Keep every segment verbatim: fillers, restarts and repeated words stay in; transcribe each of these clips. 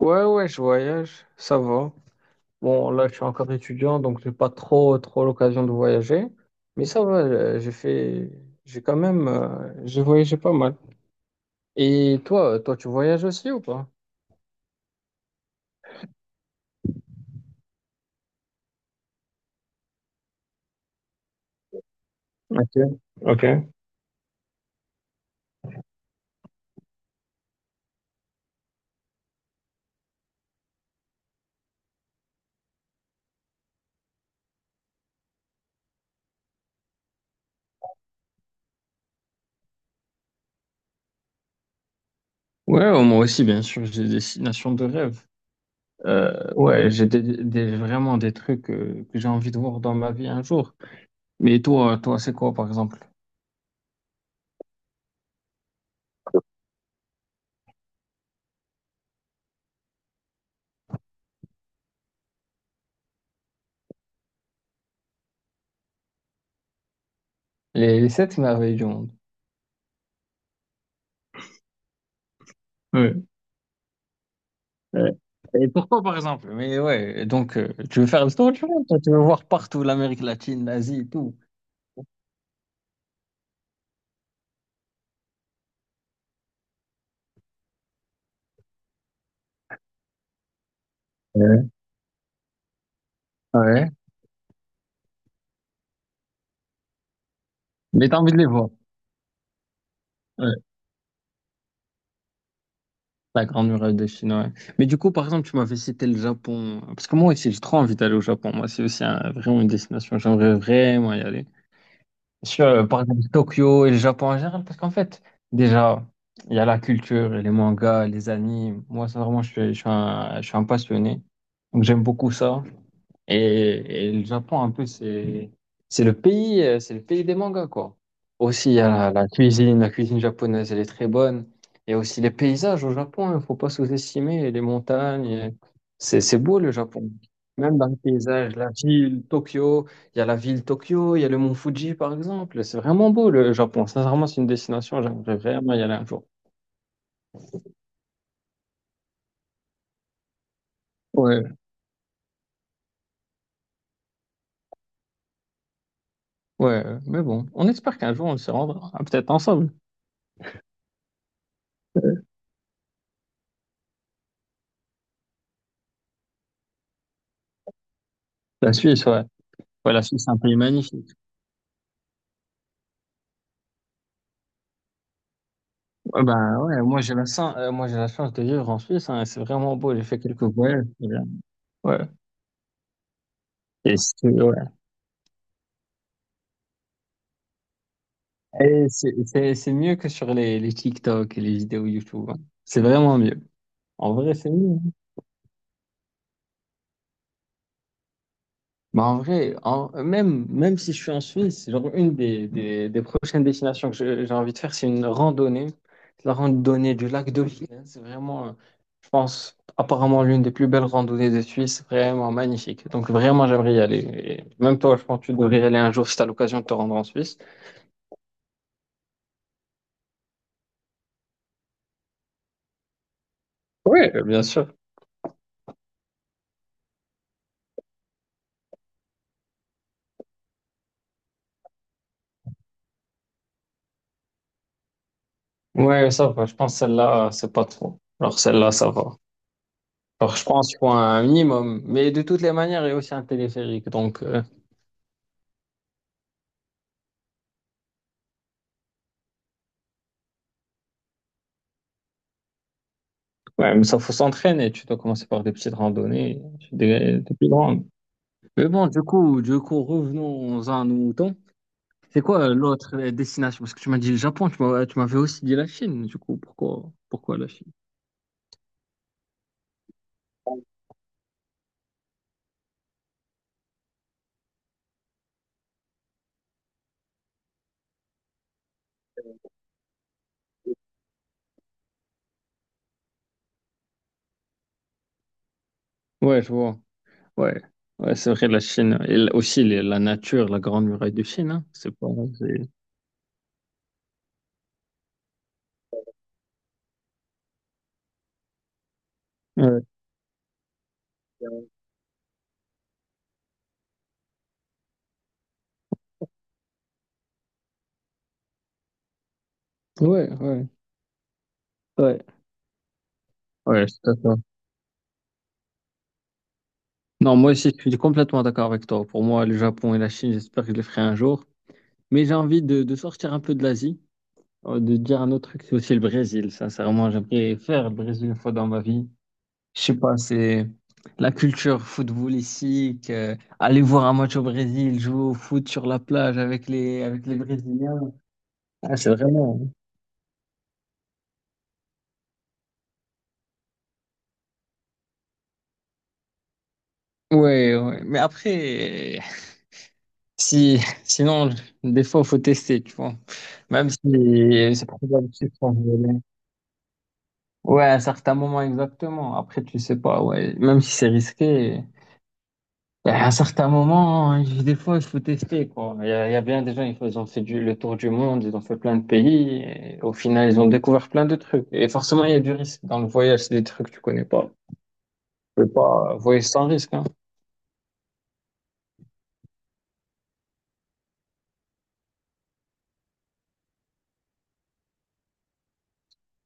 Ouais, ouais, je voyage, ça va. Bon, là, je suis encore étudiant, donc j'ai pas trop, trop l'occasion de voyager. Mais ça va, euh, j'ai fait, j'ai quand même, euh, j'ai voyagé pas mal. Et toi, euh, toi, tu voyages aussi ou pas? Ok, ok. Ouais, oh, moi aussi, bien sûr, j'ai des destinations de rêve. Euh, ouais, j'ai des, des- vraiment des trucs euh, que j'ai envie de voir dans ma vie un jour. Mais toi, toi, c'est quoi, par exemple? Les, les sept merveilles du monde. Ouais. Et pourquoi, par exemple? Mais ouais, donc, euh, tu veux faire le tour du monde, toi, tu veux voir partout l'Amérique latine, l'Asie et tout. Ouais. Ouais. Mais t'as envie de les voir. Ouais. La Grande Muraille de Chine, ouais. Mais du coup, par exemple, tu m'avais cité le Japon. Parce que moi aussi, j'ai trop envie d'aller au Japon. Moi, c'est aussi un- vraiment une destination. J'aimerais vraiment y aller. Sur, euh, par exemple, Tokyo et le Japon en général, parce qu'en fait, déjà, il y a la culture, et les mangas, les animes. Moi, ça vraiment, je suis, je suis un, je suis un passionné. Donc, j'aime beaucoup ça. Et, et le Japon, un peu, c'est c'est le pays, euh, c'est le pays des mangas, quoi. Aussi, il y a la, la cuisine, la cuisine japonaise, elle est très bonne. Il y a aussi les paysages au Japon, il ne faut pas sous-estimer les montagnes. euh, C'est c'est beau le Japon. Même dans les paysages, la ville Tokyo, il y a la ville Tokyo, il y a le mont Fuji, par exemple. C'est vraiment beau le Japon. Sincèrement, c'est une destination, j'aimerais vraiment y aller un jour. Ouais, ouais, mais bon, on espère qu'un jour on se rendra, ah, peut-être ensemble. La Suisse, ouais. Ouais, la Suisse, c'est un pays magnifique. Ah, bah, ouais, moi j'ai la chance, euh, moi j'ai la chance de vivre en Suisse, hein, et c'est vraiment beau, j'ai fait quelques voyages. C'est bien. Ouais. Et c'est ouais. Et c'est c'est- c'est mieux que sur les, les TikTok et les vidéos YouTube, hein. C'est vraiment mieux. En vrai, c'est mieux. Bah, en vrai, en- même, même si je suis en Suisse, genre une des, des, des prochaines destinations que je- j'ai envie de faire, c'est une randonnée. C'est la randonnée du lac Dauphine. C'est vraiment, euh, je pense, apparemment l'une des plus belles randonnées de Suisse. Vraiment magnifique. Donc vraiment, j'aimerais y aller. Et même toi, je pense que tu devrais y aller un jour si tu as l'occasion de te rendre en Suisse. Oui, bien sûr. Ouais, ça va. Je pense que celle-là, c'est pas trop. Alors celle-là, ça va. Alors je pense qu'il faut un minimum. Mais de toutes les manières, il y a aussi un téléphérique. Donc. euh, Ouais, mais ça faut s'entraîner. Tu dois commencer par des petites randonnées, des, des plus grandes. Mais bon, du coup, du coup, revenons à nos moutons. C'est quoi euh, l'autre euh, destination? Parce que tu m'as dit le Japon, tu m'as- tu m'avais aussi dit la Chine. Du coup, pourquoi, pourquoi la Chine? Ouais, je vois. Ouais, ouais, c'est vrai, la Chine. Et l- aussi les- la nature, la grande muraille de Chine, hein. C'est pas. c'est- Ouais, ouais, ouais. Ouais, ouais, c'est ça. Non, moi aussi, je suis complètement d'accord avec toi. Pour moi, le Japon et la Chine, j'espère que je les ferai un jour. Mais j'ai envie de, de sortir un peu de l'Asie. Oh, de dire un autre truc, c'est aussi le Brésil. Sincèrement, j'aimerais faire le Brésil une fois dans ma vie. Je sais pas, c'est la culture footballistique, euh, aller voir un match au Brésil, jouer au foot sur la plage avec les, avec les Brésiliens. Ah, c'est vraiment. Ouais, ouais. Mais après, si, sinon, des fois, faut tester, tu vois. Même si c'est probable que tu te fasses voler. Ouais, à un certain moment, exactement. Après, tu sais pas, ouais. Même si c'est risqué. À un certain moment, hein, des fois, il faut tester, quoi. Il y a, il y a bien des gens, ils font- ils ont fait du- le tour du monde, ils ont fait plein de pays, et au final, ils ont découvert plein de trucs. Et forcément, il y a du risque. Dans le voyage, c'est des trucs que tu connais pas. Tu peux pas voyager sans risque, hein.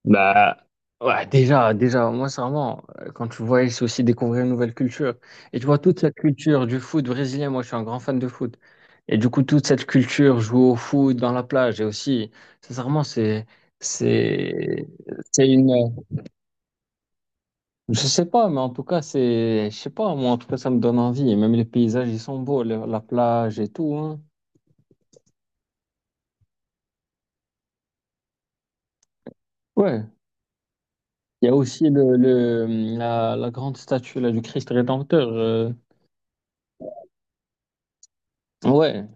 Bah, ouais, déjà, déjà, moi, sincèrement, euh, quand tu voyages, c'est aussi découvrir une nouvelle culture. Et tu vois, toute cette culture du foot brésilien, moi, je suis un grand fan de foot. Et du coup, toute cette culture, jouer au foot dans la plage, et aussi, sincèrement, c'est, c'est, c'est une, Je sais pas, mais en tout cas, c'est, je sais pas, moi, en tout cas, ça me donne envie. Et même les paysages, ils sont beaux, le- la plage et tout, hein. Ouais. Il y a aussi le, le, la, la grande statue, là, du Christ Rédempteur. euh. Ouais.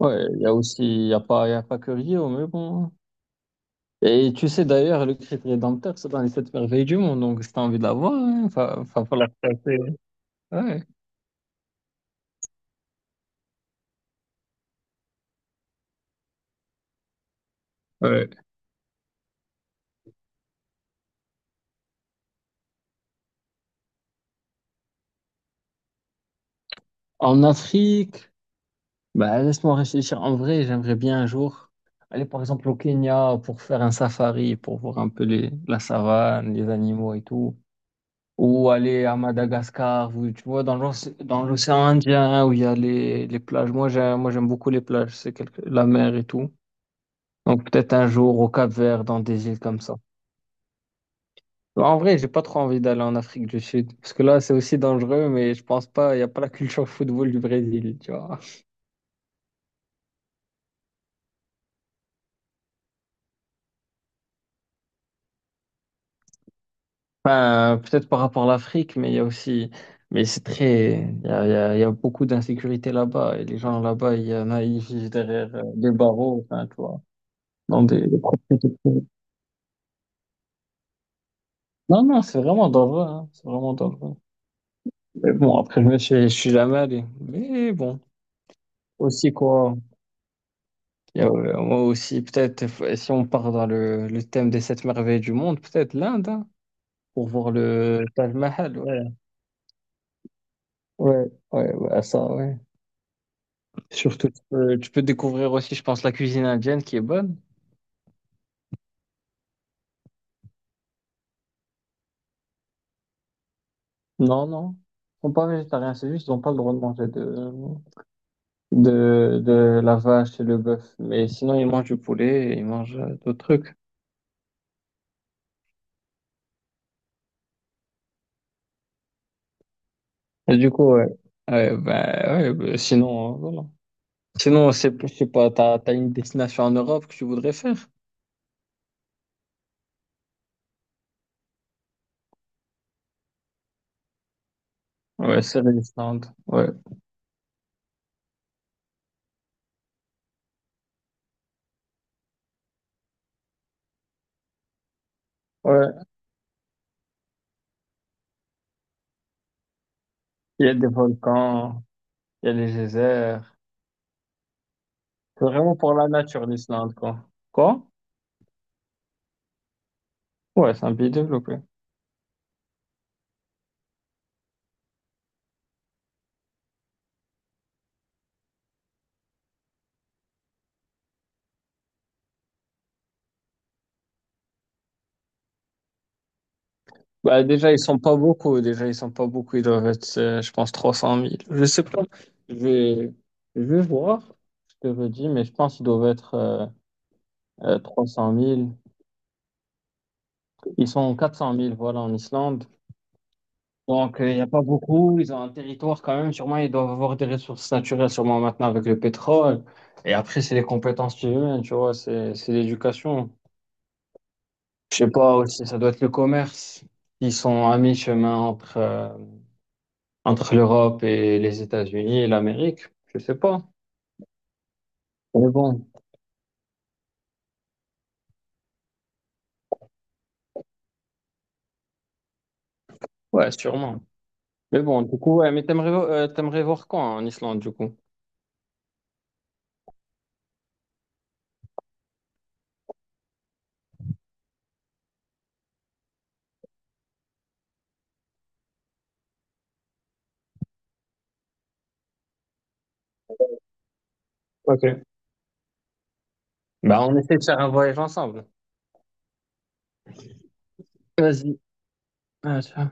Ouais. Il y a aussi, il y a pas, il y a pas que Rio, mais bon, hein. Et tu sais, d'ailleurs, le Christ Rédempteur, c'est dans les sept merveilles du monde. Donc, si t'as envie de la voir, hein, fa- fa- falloir passer. Ouais. Ouais. En Afrique, bah, laisse-moi réfléchir. En vrai, j'aimerais bien un jour aller par exemple au Kenya pour faire un safari, pour voir un peu les, la savane, les animaux et tout. Ou aller à Madagascar, ou, tu vois, dans l'oc- dans l'océan Indien où il y a les, les plages. Moi, j'aime, moi, j'aime beaucoup les plages, c'est quelque- la mer et tout. Donc peut-être un jour au Cap-Vert, dans des îles comme ça. En vrai, j'ai pas trop envie d'aller en Afrique du Sud, parce que là, c'est aussi dangereux, mais je pense pas, il n'y a pas la culture football du Brésil, tu vois. Enfin, peut-être par rapport à l'Afrique, mais il y a aussi, mais c'est très, il y a, il y a- il y a beaucoup d'insécurité là-bas et les gens là-bas, il y en a, ils vivent derrière euh, des barreaux, enfin, tu vois, dans des, des propriétés privées. Non, non, c'est vraiment dangereux, hein, c'est vraiment dangereux. Mais bon, après, je me suis, je suis jamais allé. Mais bon, aussi quoi, il y a, euh, moi aussi, peut-être, f- si on part dans le, le thème des sept merveilles du monde, peut-être l'Inde, hein, pour voir le Taj Mahal, ouais, ouais, ouais, ouais, ça, ouais. Surtout, tu peux, tu peux découvrir aussi, je pense, la cuisine indienne qui est bonne. Non, non. Ils sont pas végétariens, c'est juste qu'ils n'ont pas le droit de manger de, de, de la vache et le bœuf. Mais sinon, ils mangent du poulet et ils mangent euh, d'autres trucs. Et du coup, ouais. Ouais, bah, ouais, bah, sinon, euh, voilà. Sinon, c'est, je sais pas, t'as, t'as une destination en Europe que tu voudrais faire? Ouais, c'est l'Islande. Ouais. Ouais. Il y a des volcans, il y a des déserts. C'est vraiment pour la nature, l'Islande, quoi. Quoi? Ouais, c'est un pays développé. Bah, déjà, ils sont pas beaucoup. Déjà, ils sont pas beaucoup. Ils doivent être, euh, je pense, trois cent mille. Je sais pas. Je vais, je vais voir. Je te redis, mais je pense qu'ils doivent être euh, euh, trois cent mille. Ils sont quatre cent mille, voilà, en Islande. Donc, euh, il n'y a pas beaucoup. Ils ont un territoire quand même. Sûrement, ils doivent avoir des ressources naturelles, sûrement maintenant avec le pétrole. Et après, c'est les compétences humaines, tu vois, c'est, c'est l'éducation. Je sais pas aussi, ça doit être le commerce. Ils sont à mi-chemin entre. euh, Entre l'Europe et les États-Unis et l'Amérique, je sais pas. Mais bon, ouais, sûrement. Mais bon, du coup, ouais, mais t'aimerais, vo- euh, t'aimerais voir quand en Islande, du coup? Ok. Bah, on essaie de faire un voyage ensemble. Vas-y. Ah, tiens.